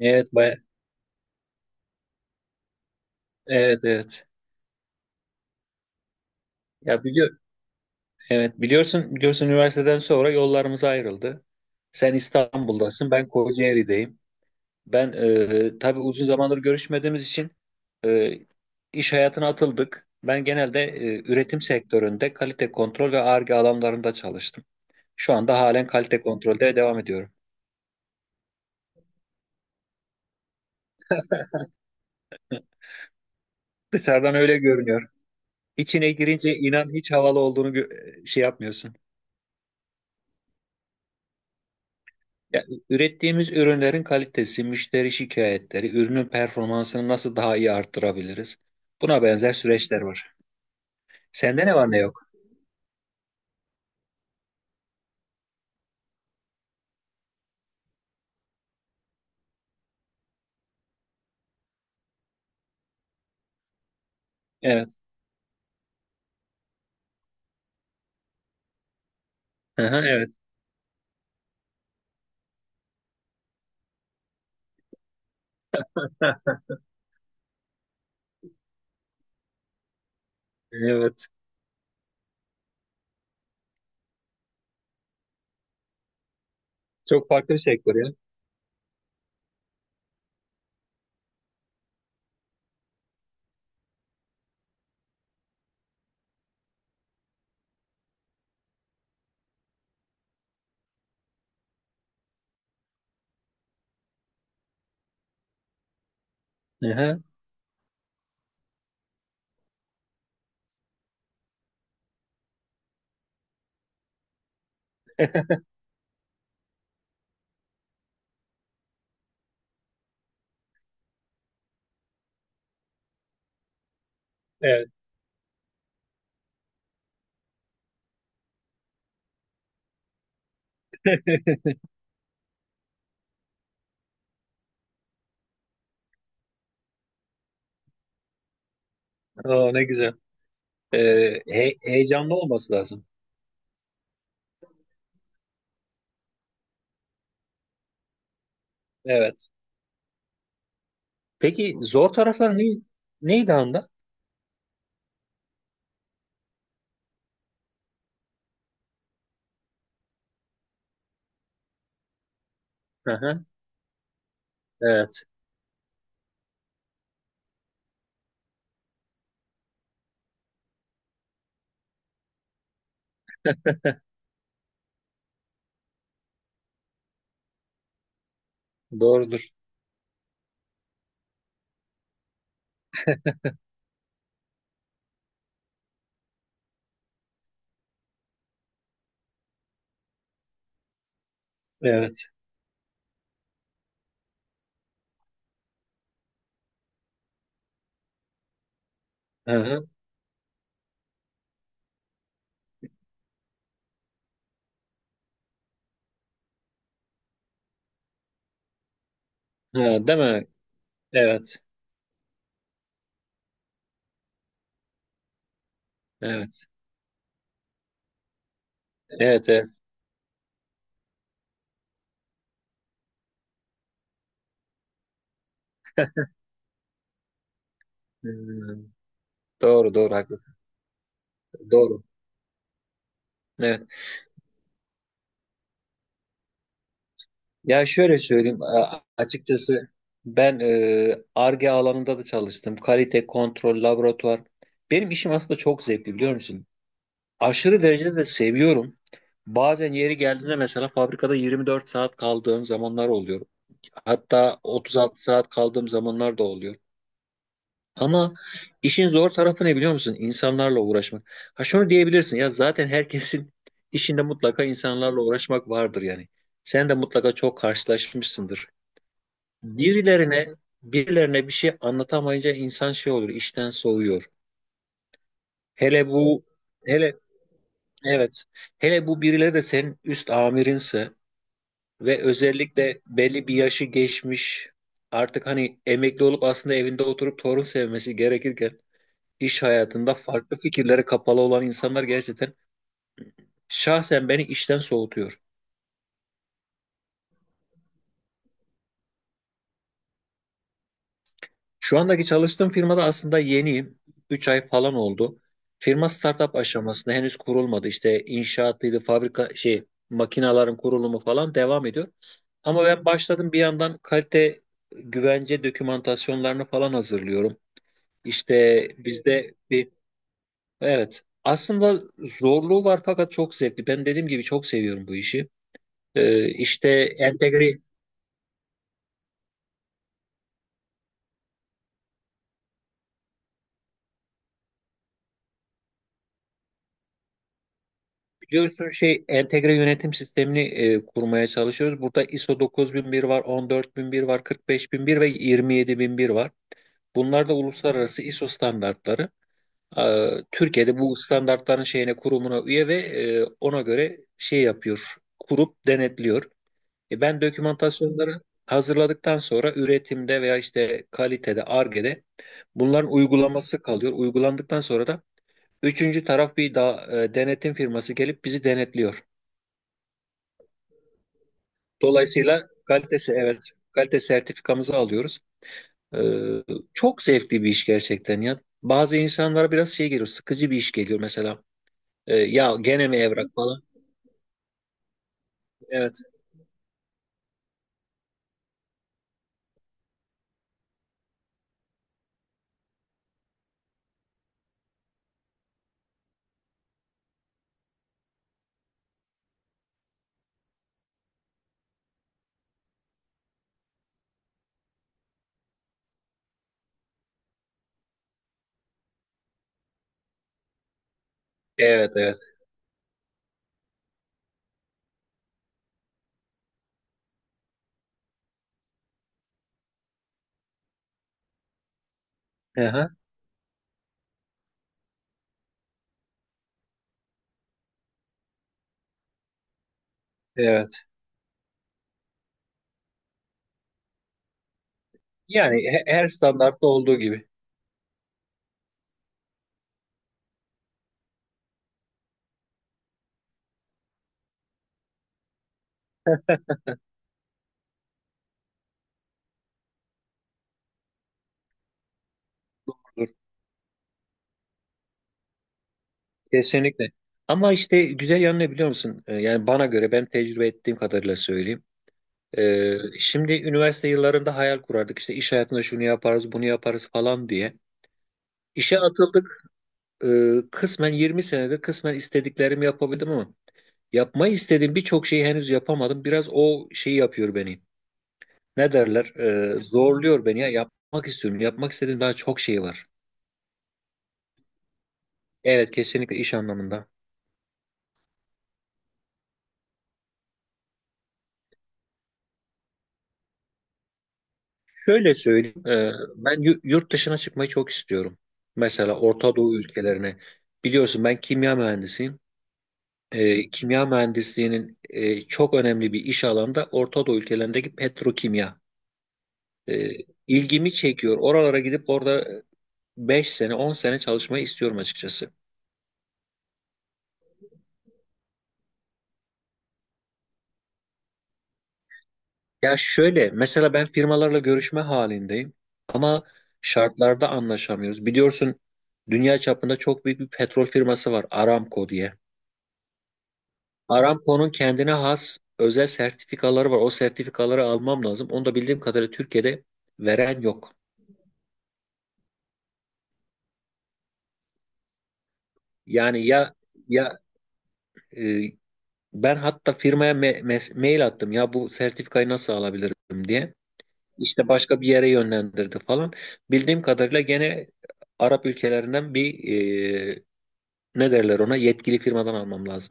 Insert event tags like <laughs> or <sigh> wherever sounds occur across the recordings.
Evet, evet, evet. Ya biliyor, evet biliyorsun, üniversiteden sonra yollarımız ayrıldı. Sen İstanbul'dasın, ben Kocaeli'deyim. Tabii uzun zamandır görüşmediğimiz için e, iş hayatına atıldık. Ben genelde üretim sektöründe kalite kontrol ve Ar-Ge alanlarında çalıştım. Şu anda halen kalite kontrolde devam ediyorum. <laughs> Dışarıdan öyle görünüyor. İçine girince inan hiç havalı olduğunu şey yapmıyorsun. Ya, ürettiğimiz ürünlerin kalitesi, müşteri şikayetleri, ürünün performansını nasıl daha iyi arttırabiliriz? Buna benzer süreçler var. Sende ne var ne yok? Evet. Aha, evet. <laughs> Evet. Çok farklı bir sektör ya. Aha, evet. <laughs> Oo, ne güzel. Heyecanlı olması lazım. Evet. Peki zor tarafları neydi anda? Aha, evet. <laughs> Doğrudur. Evet. Aha. Ha, değil mi? Evet. Evet. Evet. Evet. Hmm. Doğru doğru haklı. Doğru. Evet. Ya şöyle söyleyeyim açıkçası Ar-Ge alanında da çalıştım. Kalite kontrol laboratuvar. Benim işim aslında çok zevkli biliyor musun? Aşırı derecede de seviyorum. Bazen yeri geldiğinde mesela fabrikada 24 saat kaldığım zamanlar oluyor. Hatta 36 saat kaldığım zamanlar da oluyor. Ama işin zor tarafı ne biliyor musun? İnsanlarla uğraşmak. Ha şunu diyebilirsin ya zaten herkesin <laughs> işinde mutlaka insanlarla uğraşmak vardır yani. Sen de mutlaka çok karşılaşmışsındır. Birilerine birilerine bir şey anlatamayınca insan şey olur, işten soğuyor. Hele bu hele evet. Hele bu birileri de senin üst amirinse ve özellikle belli bir yaşı geçmiş, artık hani emekli olup aslında evinde oturup torun sevmesi gerekirken iş hayatında farklı fikirlere kapalı olan insanlar gerçekten şahsen beni işten soğutuyor. Şu andaki çalıştığım firmada aslında yeniyim. Üç ay falan oldu. Firma startup aşamasında, henüz kurulmadı. İşte inşaatlıydı, fabrika şey, makinaların kurulumu falan devam ediyor. Ama ben başladım, bir yandan kalite güvence dokümantasyonlarını falan hazırlıyorum. İşte bizde bir, evet, aslında zorluğu var fakat çok zevkli. Ben dediğim gibi çok seviyorum bu işi. İşte entegre Biliyorsun şey entegre yönetim sistemini kurmaya çalışıyoruz. Burada ISO 9001 var, 14001 var, 45001 ve 27001 var. Bunlar da uluslararası ISO standartları. Türkiye'de bu standartların şeyine, kurumuna üye ve ona göre şey yapıyor, kurup denetliyor. Ben dokümantasyonları hazırladıktan sonra üretimde veya işte kalitede, Ar-Ge'de bunların uygulaması kalıyor. Uygulandıktan sonra da üçüncü taraf bir daha denetim firması gelip bizi denetliyor. Dolayısıyla kalitesi, evet, kalite sertifikamızı alıyoruz. Ee, Çok zevkli bir iş gerçekten ya. Bazı insanlara biraz şey geliyor, sıkıcı bir iş geliyor mesela. Ya gene mi evrak falan? Evet, evet, evet. Aha, evet. Yani he- her standartta olduğu gibi. Dur. Kesinlikle. Ama işte güzel yanı ne biliyor musun? Yani bana göre, ben tecrübe ettiğim kadarıyla söyleyeyim. Şimdi üniversite yıllarında hayal kurardık. İşte iş hayatında şunu yaparız, bunu yaparız falan diye. İşe atıldık, kısmen 20 senede kısmen istediklerimi yapabildim ama yapmayı istediğim birçok şeyi henüz yapamadım. Biraz o şeyi yapıyor beni. Ne derler? Zorluyor beni ya. Yapmak istiyorum. Yapmak istediğim daha çok şey var. Evet, kesinlikle iş anlamında. Şöyle söyleyeyim. Yurt dışına çıkmayı çok istiyorum. Mesela Orta Doğu ülkelerine. Biliyorsun ben kimya mühendisiyim. Kimya mühendisliğinin çok önemli bir iş alanında Orta Doğu ülkelerindeki petrokimya. E, ilgimi çekiyor. Oralara gidip orada 5 sene 10 sene çalışmayı istiyorum açıkçası. Ya şöyle mesela, ben firmalarla görüşme halindeyim ama şartlarda anlaşamıyoruz. Biliyorsun, dünya çapında çok büyük bir petrol firması var, Aramco diye. Aramco'nun kendine has özel sertifikaları var. O sertifikaları almam lazım. Onu da bildiğim kadarıyla Türkiye'de veren yok. Yani ya ya e, Ben hatta firmaya mail attım ya bu sertifikayı nasıl alabilirim diye. İşte başka bir yere yönlendirdi falan. Bildiğim kadarıyla gene Arap ülkelerinden bir, e, ne derler, ona yetkili firmadan almam lazım.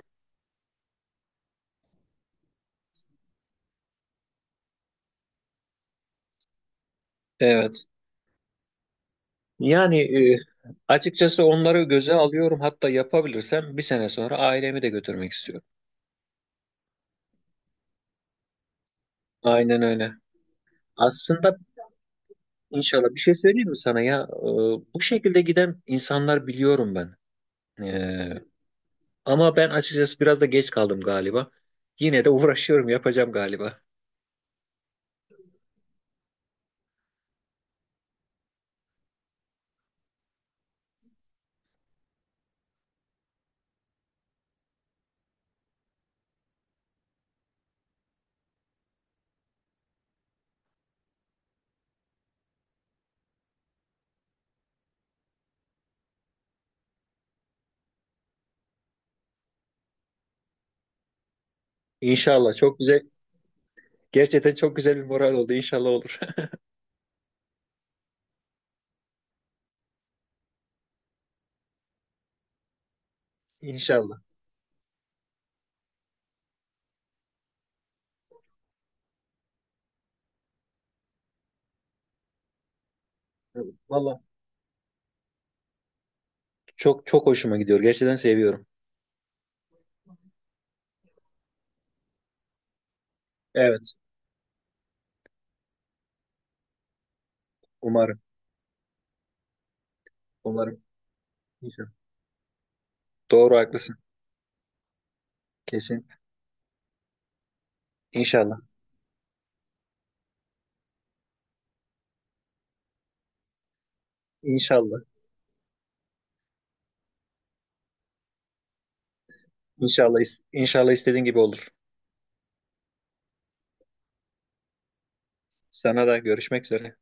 Evet. Yani e, Açıkçası onları göze alıyorum. Hatta yapabilirsem bir sene sonra ailemi de götürmek istiyorum. Aynen öyle. Aslında, inşallah, bir şey söyleyeyim mi sana ya? Bu şekilde giden insanlar biliyorum ben. E, Ama ben açıkçası biraz da geç kaldım galiba. Yine de <laughs> uğraşıyorum, yapacağım galiba. İnşallah, çok güzel. Gerçekten çok güzel bir moral oldu. İnşallah olur. <laughs> İnşallah. Valla çok çok hoşuma gidiyor. Gerçekten seviyorum. Evet. Umarım. Umarım. İnşallah. Doğru, haklısın. Kesin. İnşallah. İnşallah. İnşallah istediğin gibi olur. Sana da, görüşmek üzere.